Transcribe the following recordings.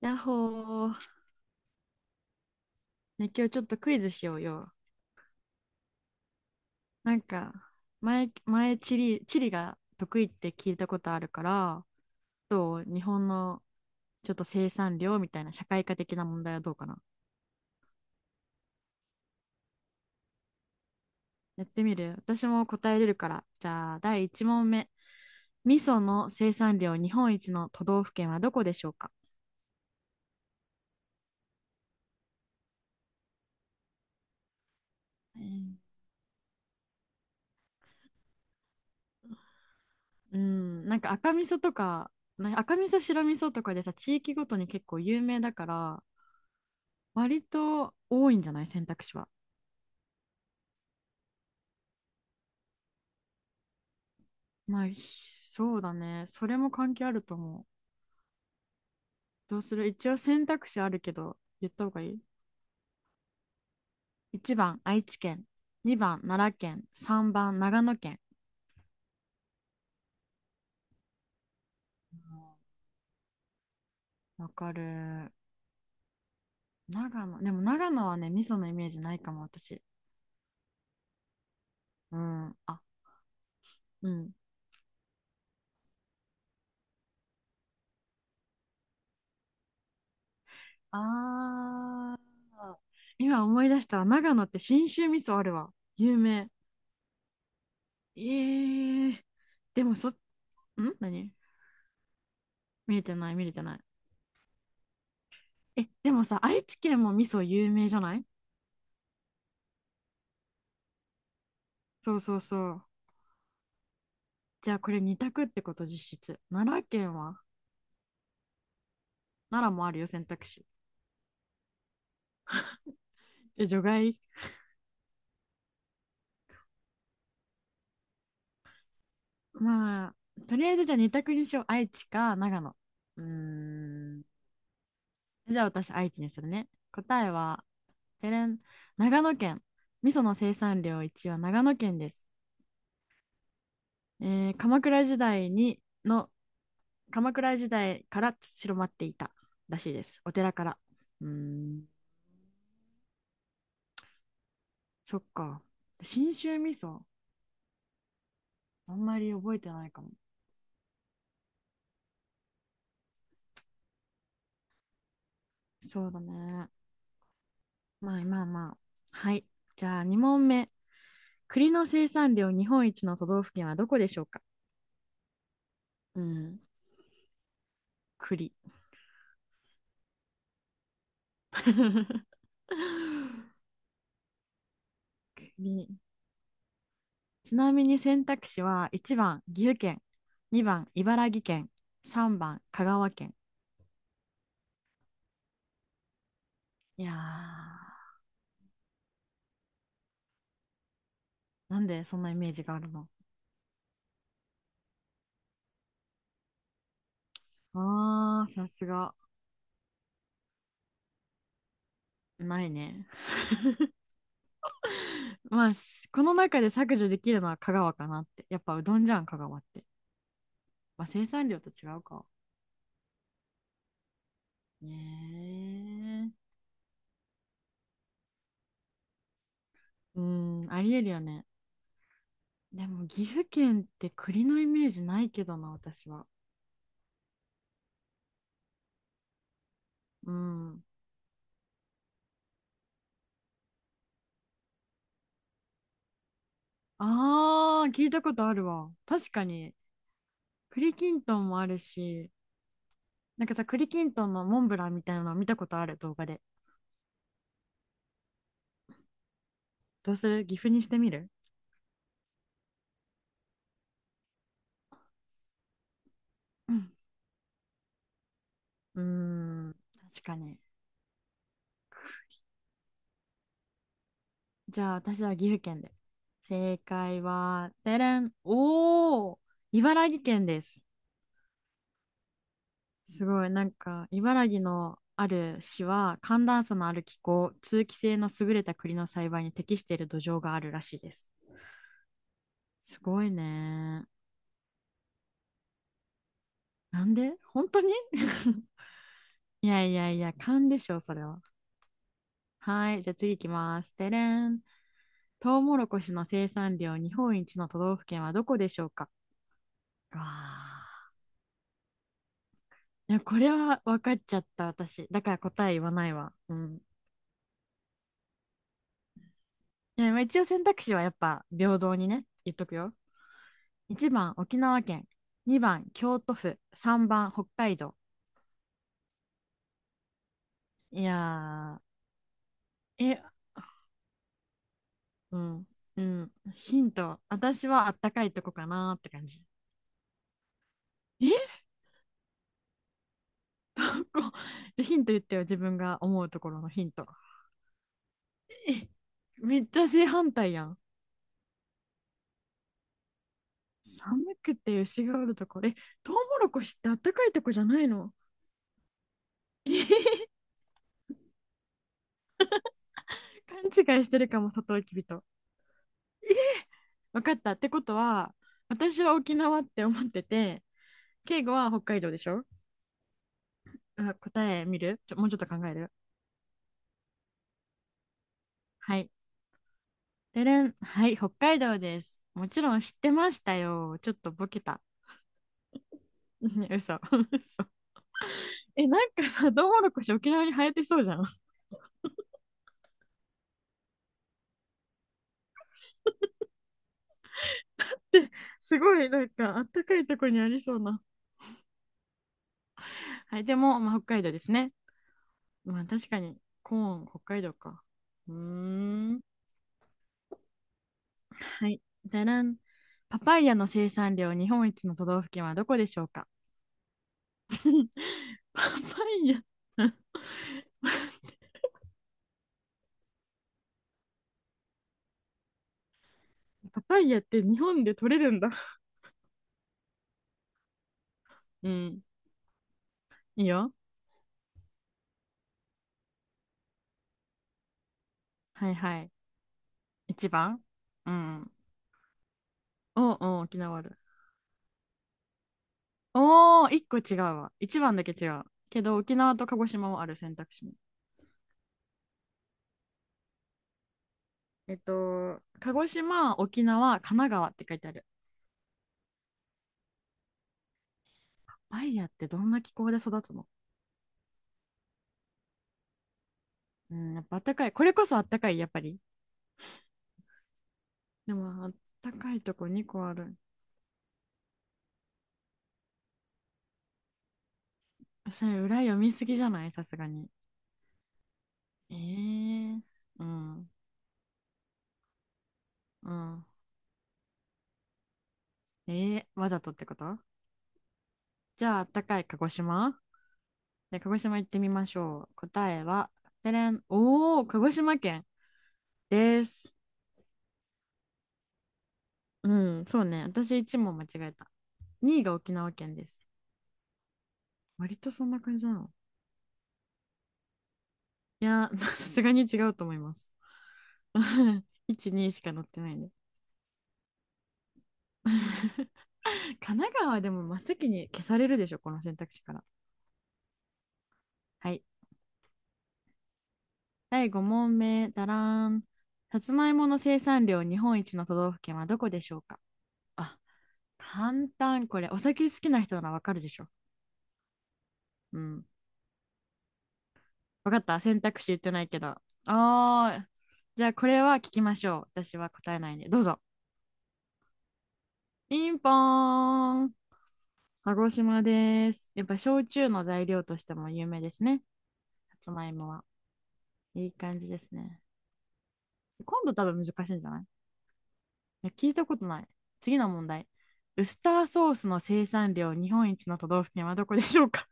やっほー。ね、今日ちょっとクイズしようよ。なんか、前、地理が得意って聞いたことあるから、どう日本のちょっと生産量みたいな社会科的な問題はどうかな。やってみる？私も答えれるから。じゃあ、第1問目。味噌の生産量日本一の都道府県はどこでしょうか？えーうん、なんか赤味噌とか、赤味噌、白味噌とかでさ、地域ごとに結構有名だから、割と多いんじゃない？選択肢は。まあ、そうだね。それも関係あると思う。どうする？一応選択肢あるけど、言った方がいい ?1 番、愛知県。2番、奈良県。3番、長野県。うん、わかる。長野。でも長野はね、味噌のイメージないかも、私。うん。あ、うん。あー。今思い出したわ。長野って信州味噌あるわ。有名。えー。でも、何？見えてない、見れてない。え、でもさ、愛知県も味噌有名じゃない？そうそうそう。じゃあこれ二択ってこと実質。奈良県は？奈良もあるよ、選択肢。え、除外？まあ、とりあえずじゃあ二択にしよう。愛知か長野。うーん。じゃあ私愛知にするね。答えは、てれん、長野県。味噌の生産量一位は長野県です。えー鎌倉時代にの、鎌倉時代から広まっていたらしいです。お寺から。うーん。そっか。信州味噌、あんまり覚えてないかも。そうだね。まあまあまあ。はい。じゃあ2問目。栗の生産量日本一の都道府県はどこでしょうか？うん。栗。栗。ちなみに選択肢は1番岐阜県、2番茨城県、3番香川県。いやー、なんでそんなイメージがあるの？あー、さすが。ないね。まあ、この中で削除できるのは香川かなって。やっぱうどんじゃん、香川って。まあ、生産量と違うか。ねえ、うん、ありえるよね。でも岐阜県って栗のイメージないけどな、私は。うん。ああ、聞いたことあるわ。確かに。栗きんとんもあるし、なんかさ、栗きんとんのモンブランみたいなの見たことある動画で。どうする？岐阜にしてみる？うん、うーん、確かに。じゃあ私は岐阜県で。正解は、てれん。おー、茨城県です。すごい、なんか、茨城のある市は、寒暖差のある気候、通気性の優れた栗の栽培に適している土壌があるらしいです。すごいね。なんで？本当に？ いやいやいや、勘でしょ、それは。はい、じゃあ次行きます。てれん。トウモロコシの生産量日本一の都道府県はどこでしょうか？わあ。いや、これは分かっちゃった、私。だから答え言わないわ。うん。いや、まあ一応選択肢はやっぱ平等にね、言っとくよ。1番沖縄県、2番京都府、3番北海道。いやー、え、うん、うん、ヒント、私はあったかいとこかなーって感じ。え、こう、じゃあヒント言ってよ、自分が思うところのヒント。え、めっちゃ正反対やん。寒くて牛がおるところ。え、トウモロコシってあったかいとこじゃないの？えへへ、勘違いしてるかも、サトウキビと。分かった。ってことは、私は沖縄って思ってて、敬語は北海道でしょ？あ、答え見る？もうちょっと考える？はい。でれん。はい、北海道です。もちろん知ってましたよ。ちょっとボケた。嘘。嘘。え、なんかさ、トウモロコシ沖縄に生えてそうじゃん。で、すごい、なんか、あったかいとこにありそうな。はい、でも、まあ、北海道ですね。まあ、確かに、コーン、北海道か。うーん。はい。だらん。パパイヤの生産量日本一の都道府県はどこでしょうか？ パパイヤ パパイヤって日本で取れるんだ。うん。いいよ。はいはい。一番、うん。おうおう、沖縄ある。おー、一個違うわ。一番だけ違う。けど、沖縄と鹿児島もある、選択肢に。鹿児島、沖縄、神奈川って書いてある。バイヤってどんな気候で育つの？うん、やっぱあったかい。これこそあったかい、やっぱり。でも、あったかいとこ2個ある。それ、裏読みすぎじゃない？さすがに。えー、うん、うん。わざとってこと？じゃあ、あったかい鹿児島で、鹿児島行ってみましょう。答えは、てれん。おー、鹿児島県です。うん、そうね。私1問間違えた。2位が沖縄県です。割とそんな感じなの？いやー、さすがに違うと思います。1、2しか載ってないね。神奈川でも真っ先に消されるでしょ、この選択肢から。はい。第5問目、だらーん。さつまいもの生産量日本一の都道府県はどこでしょうか？あ、簡単。これ、お酒好きな人ならわかるでしょ。うん。わかった？選択肢言ってないけど。あー、じゃあこれは聞きましょう。私は答えないんで。どうぞ。ピンポーン。鹿児島です。やっぱ焼酎の材料としても有名ですね。さつまいもは。いい感じですね。今度多分難しいんじゃない？いや聞いたことない。次の問題。ウスターソースの生産量日本一の都道府県はどこでしょうか？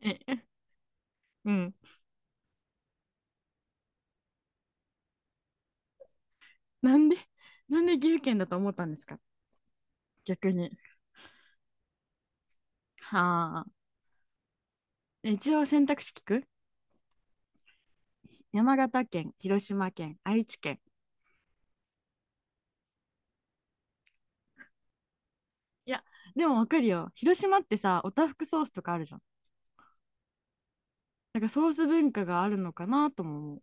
え、うん。なんで、なんで岐阜県だと思ったんですか？逆に。はあ。一応選択肢聞く？山形県、広島県、愛知県。いや、でもわかるよ。広島ってさ、おたふくソースとかあるじゃん。なんかソース文化があるのかなとも思う。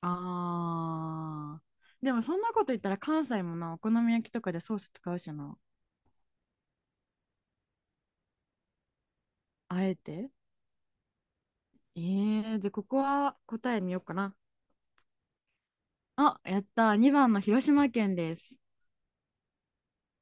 あー。でもそんなこと言ったら関西もな、お好み焼きとかでソース使うしな。あえてじゃあここは答え見ようかな。あ、やった。2番の広島県です。